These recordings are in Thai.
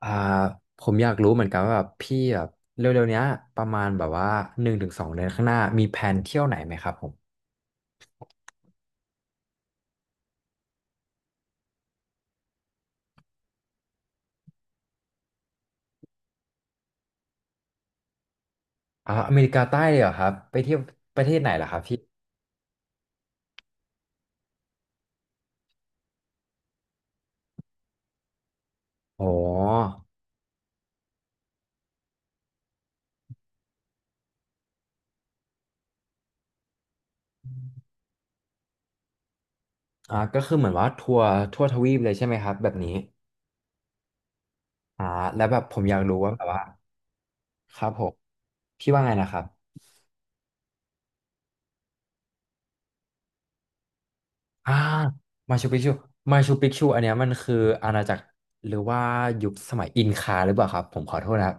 อ่าผมอยากรู้เหมือนกันว่าแบบพี่แบบเร็วๆเนี้ยประมาณแบบว่า1-2 เดือนข้างหน้ามีแผนเที่ยวไหนไหมครับผมอเมริกาใต้เลยเหรอครับไปเที่ยวประเทศไหนเหรอครับพี่อ๋อก็คือเหมือนว่าทัวร์ทั่วทวีปเลยใช่ไหมครับแบบนี้อ่าแล้วแบบผมอยากรู้ว่าแบบว่าครับผมพี่ว่าไงนะครับ อ่ามาชูปิกชูมาชูปิกชูอันเนี้ยมันคืออาณาจักรหรือว่ายุคสมัยอินคาหรือเปล่าครับผมขอโทษนะครับ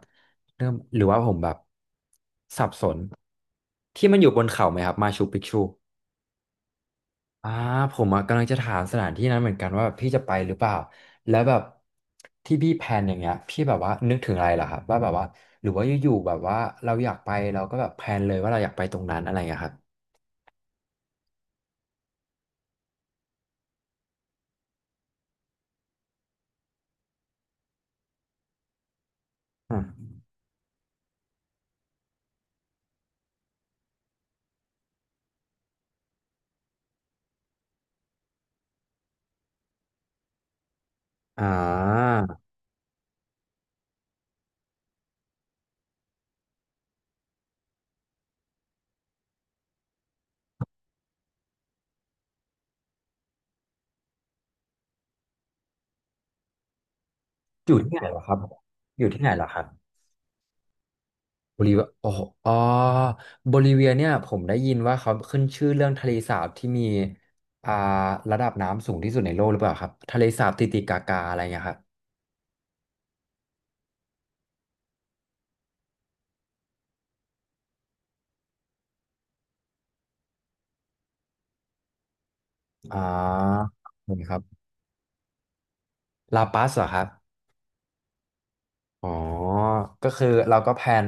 เริ่มหรือว่าผมแบบสับสนที่มันอยู่บนเขาไหมครับมาชูปิกชูอ่าผมอะกำลังจะถามสถานที่นั้นเหมือนกันว่าแบบพี่จะไปหรือเปล่าแล้วแบบที่พี่แพลนอย่างเงี้ยพี่แบบว่านึกถึงอะไรเหรอครับว่าแบบว่าหรือว่าอยู่ๆแบบว่าเราอยากไปเราก็แบบแพลนเลยว่าเราอยากไปตรงนั้นอะไรอย่างเงี้ยครับอมอ่าอยู่ที่ไหนเหรอครับอยู่ที่ไหนเหรอครับ โบลิเวียโอ้โหอ๋อโบลิเวียเนี่ยผมได้ยินว่าเขาขึ้นชื่อเรื่องทะเลสาบที่มีอ่าระดับน้ำสูงที่สุดในโลกหรือเปล่าครับทะเลสาบติติกากาอะไรเงี้ยครับอ่านี่ครับลาปัสเหรอครับอ๋อก็คือเราก็แพลน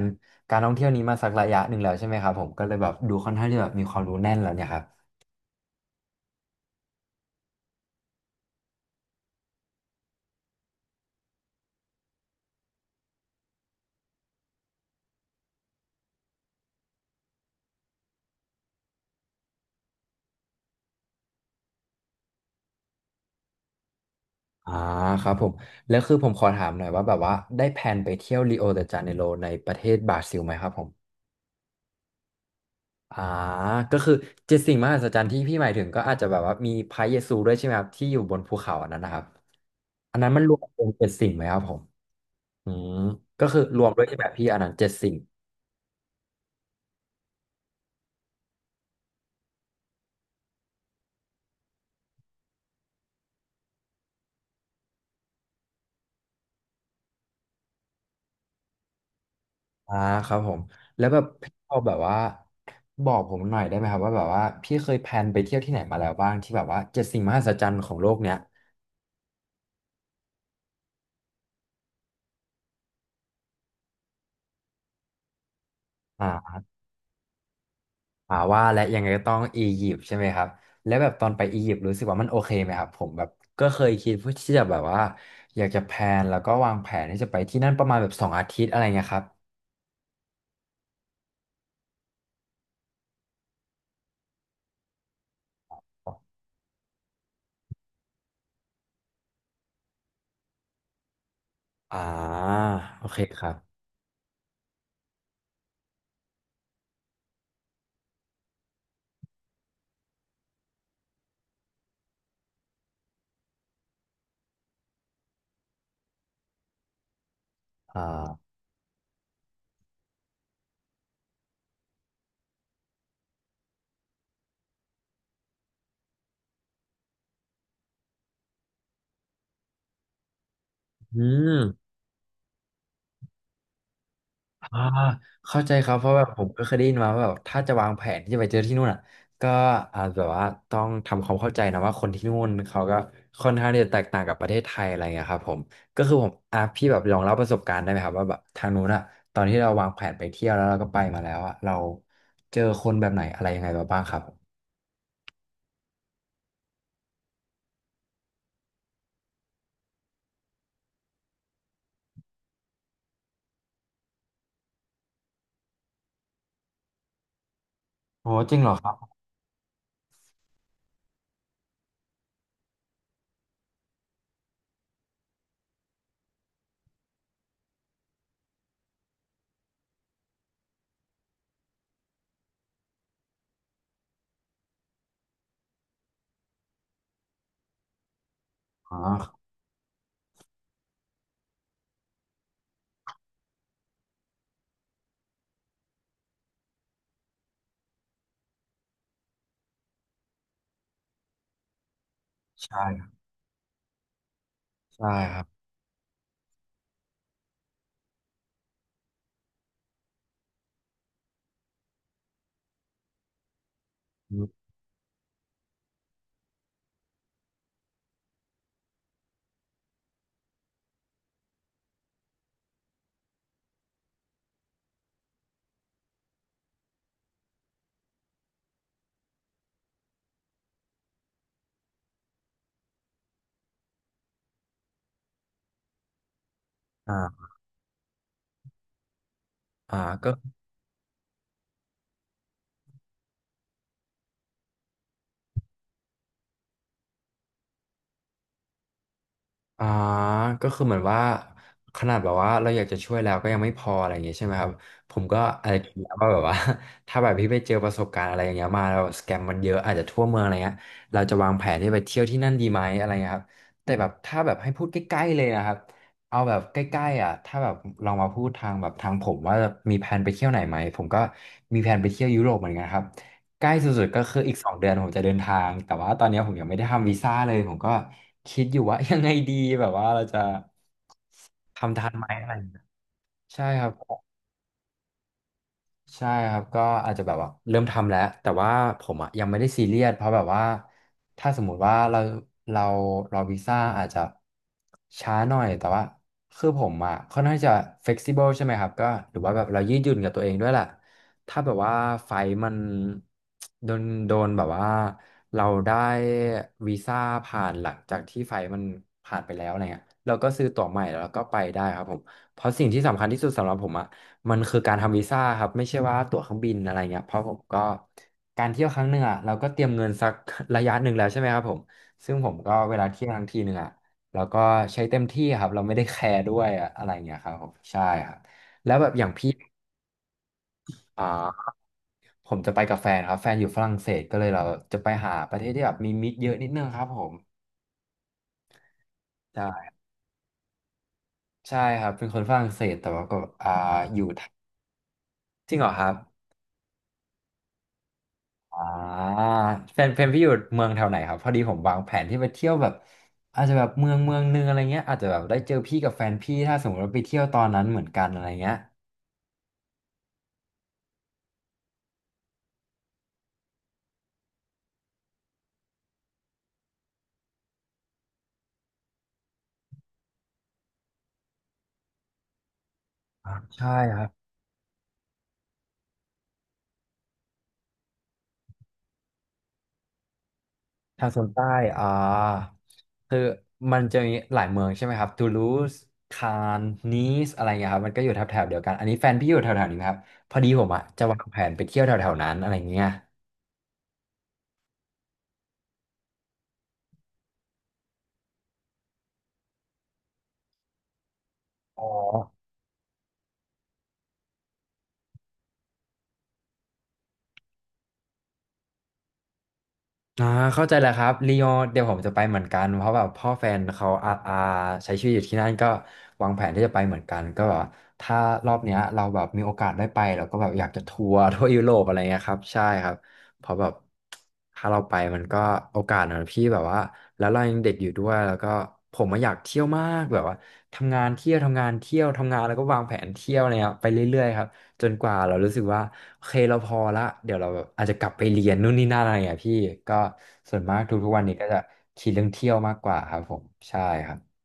การท่องเที่ยวนี้มาสักระยะหนึ่งแล้วใช่ไหมครับผมก็เลยแบบดูค่อนข้างที่แบบมีความรู้แน่นแล้วเนี่ยครับอ่าครับผมแล้วคือผมขอถามหน่อยว่าแบบว่าได้แพลนไปเที่ยวริโอเดจาเนโรในประเทศบราซิลไหมครับผม อ่าก็คือเจ็ดสิ่งมหัศจรรย์ที่พี่หมายถึงก็อาจจะแบบว่ามีพระเยซูด้วยใช่ไหมครับที่อยู่บนภูเขาอันนั้นนะครับอันนั้นมันรวมเป็นเจ็ดสิ่งไหมครับผมอืมก็คือรวมด้วยใช่ไหมพี่อันนั้นเจ็ดสิ่งอ่าครับผมแล้วแบบพี่พอแบบว่าบอกผมหน่อยได้ไหมครับว่าแบบว่าพี่เคยแพลนไปเที่ยวที่ไหนมาแล้วบ้างที่แบบว่าเจ็ดสิ่งมหัศจรรย์ของโลกเนี้ยอ่า ว่าและยังไงก็ต้องอียิปต์ใช่ไหมครับแล้วแบบตอนไปอียิปต์รู้สึกว่ามันโอเคไหมครับผมแบบก็เคยคิดเพื่อที่จะแบบว่าอยากจะแพลนแล้วก็วางแผนที่จะไปที่นั่นประมาณแบบ2 อาทิตย์อะไรเงี้ยครับอ่าโอเคครับอ่าอืม อ่าเข้าใจครับเพราะแบบผมก็เคยได้ยินมาว่าแบบถ้าจะวางแผนที่จะไปเจอที่นู่นอ่ะก็อาจแบบว่าต้องทำความเข้าใจนะว่าคนที่นู่นเขาก็ค่อนข้างที่จะแตกต่างกับประเทศไทยอะไรเงี้ยครับผมก็คือผมอ่ะพี่แบบลองเล่าประสบการณ์ได้ไหมครับว่าแบบทางนู้นอ่ะตอนที่เราวางแผนไปเที่ยวแล้วเราก็ไปมาแล้วอ่ะเราเจอคนแบบไหนอะไรยังไงมาบ้างครับโอ้จริงเหรอครับอ๋อใช่ครับใช่ครับออ่าอ่าก็ อ่าก็คือเหมือนว่าขนาดแบบว่าเราอยากจะช่วยแล้วก็ยังไม่พออะไรอย่างเงี้ยใช่ไหมครับผมก็อะไรคิดแล้วว่าแบบว่า ถ้าแบบพี่ไปเจอประสบการณ์อะไรอย่างเงี้ยมาแล้วสแกมมันเยอะอาจจะทั่วเมืองอะไรเงี้ยเราจะวางแผนที่ไปเที่ยวที่นั่นดีไหมอะไรเงี้ยครับแต่แบบถ้าแบบให้พูดใกล้ๆเลยนะครับเอาแบบใกล้ๆอ่ะถ้าแบบลองมาพูดทางแบบทางผมว่ามีแผนไปเที่ยวไหนไหมผมก็มีแผนไปเที่ยวยุโรปเหมือนกันครับ ใกล้สุดๆก็คืออีกสองเดือนผมจะเดินทางแต่ว่าตอนนี้ผมยังไม่ได้ทำวีซ่าเลยผมก็คิดอยู่ว่า ยังไงดีแบบว่าเราจะทำทันไหมอะไรอย่างเงี้ยใช่ครับ ใช่ครับก็อาจจะแบบว่าเริ่มทำแล้วแต่ว่าผมอ่ะยังไม่ได้ซีเรียสเพราะแบบว่าถ้าสมมุติว่าเรารอวีซ่าอาจจะช้าหน่อยแต่ว่าคือผมอ่ะค่อนข้างจะ flexible ใช่ไหมครับก็หรือว่าแบบเรายืดหยุ่นกับตัวเองด้วยแหละถ้าแบบว่าไฟล์มันโดนแบบว่าเราได้วีซ่าผ่านหลังจากที่ไฟล์มันผ่านไปแล้วอะไรเงี้ยเราก็ซื้อตั๋วใหม่แล้วก็ไปได้ครับผมเพราะสิ่งที่สำคัญที่สุดสำหรับผมอะ มันคือการทำวีซ่าครับไม่ใช่ว่าตั๋วเครื่องบินอะไรเงี้ยเพราะผมก็การเที่ยวครั้งหนึ่งอ่ะเราก็เตรียมเงินสักระยะหนึ่งแล้วใช่ไหมครับผมซึ่งผมก็เวลาเที่ยวครั้งทีหนึ่งอ่ะเราก็ใช้เต็มที่ครับเราไม่ได้แคร์ด้วยอะอะไรเงี้ยครับผมใช่ครับแล้วแบบอย่างพี่อ่าผมจะไปกับแฟนครับแฟนอยู่ฝรั่งเศสก็เลยเราจะไปหาประเทศที่แบบมีมิตรเยอะนิดนึงครับผมใช่ใช่ครับเป็นคนฝรั่งเศสแต่ว่าก็อ่าอยู่ไทยจริงเหรอครับ อ่าแฟนเพนพี่อยู่เมืองแถวไหนครับพอดีผมวางแผนที่ไปเที่ยวแบบอาจจะแบบเมืองนึงอะไรเงี้ยอาจจะแบบได้เจอพี่กับแฟนพี่ถ้าสมมติว่าไปเที่ยวตอนนั้นเหมือนกันอะไรเงี้ยอ่าใช่ครับทางโซนใต้อ่าคือมันจะมีหลายเมืองใช่ไหมครับตูลูสคานนีสอะไรเงี้ยครับมันก็อยู่แถบๆเดียวกันอันนี้แฟนพี่อยู่แถวๆนี้ไหมครับพอดีผมอ่ะจะวางแผนไปเที่ยวแถวๆนั้นอะไรเงี้ยอ๋อ อ่าเข้าใจแหล้วครับลียงเดี๋ยวผมจะไปเหมือนกันเพราะแบบพ่อแฟนเขาอาอาใช้ชีวิตอยู่ที่นั่นก็วางแผนที่จะไปเหมือนกันก็แบบว่าถ้ารอบเนี้ยเราแบบมีโอกาสได้ไปเราก็แบบอยากจะทัวร์ทั่วยุโรปอะไรเงี้ยครับใช่ครับเพราะแบบถ้าเราไปมันก็โอกาสนะพี่แบบว่าแล้วเรายังเด็กอยู่ด้วยแล้วก็ผมมาอยากเที่ยวมากแบบว่าทำงานเที่ยวทำงานเที่ยวทำงานแล้วก็วางแผนเที่ยวอะไรเงี้ยไปเรื่อยๆครับ จนกว่าเรารู้สึกว่าโอเคเราพอละเดี๋ยวเราแบบอาจจะกลับไปเรียนนู่นนี่นั่นอะไรอย่างเงี้ยพี่ก็ส่วนมากทุกๆวันนี้ก็จะคิดเรื่องเที่ยวมากกว่าครับผมใช่ครับ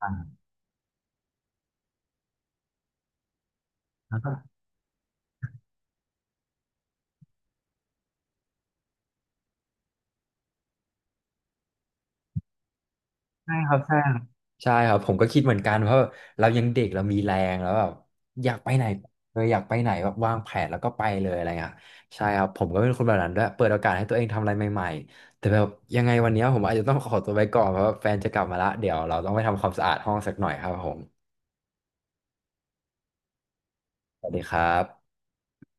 อ่าแล้วก็ใช่ครับใช่ครับใช่ครับผมก็คิดเหมือนกันเพราะแบบเรายังเด็กเรามีแรงแล้วแบบอยากไปไหนเลยอยากไปไหนแบบวางแผนแล้วก็ไปเลยอะไรเงี้ยใช่ครับผมก็เป็นคนแบบนั้นด้วยเปิดโอกาสให้ตัวเองทำอะไรใหม่ๆแต่แบบยังไงวันเนี้ยผมอาจจะต้องขอตัวไปก่อนเพราะว่าแฟนจะกลับมาละเดี๋ยวเราต้องไปทำความสะอาดห้องสักหน่อยครับผมสวัสดีครับ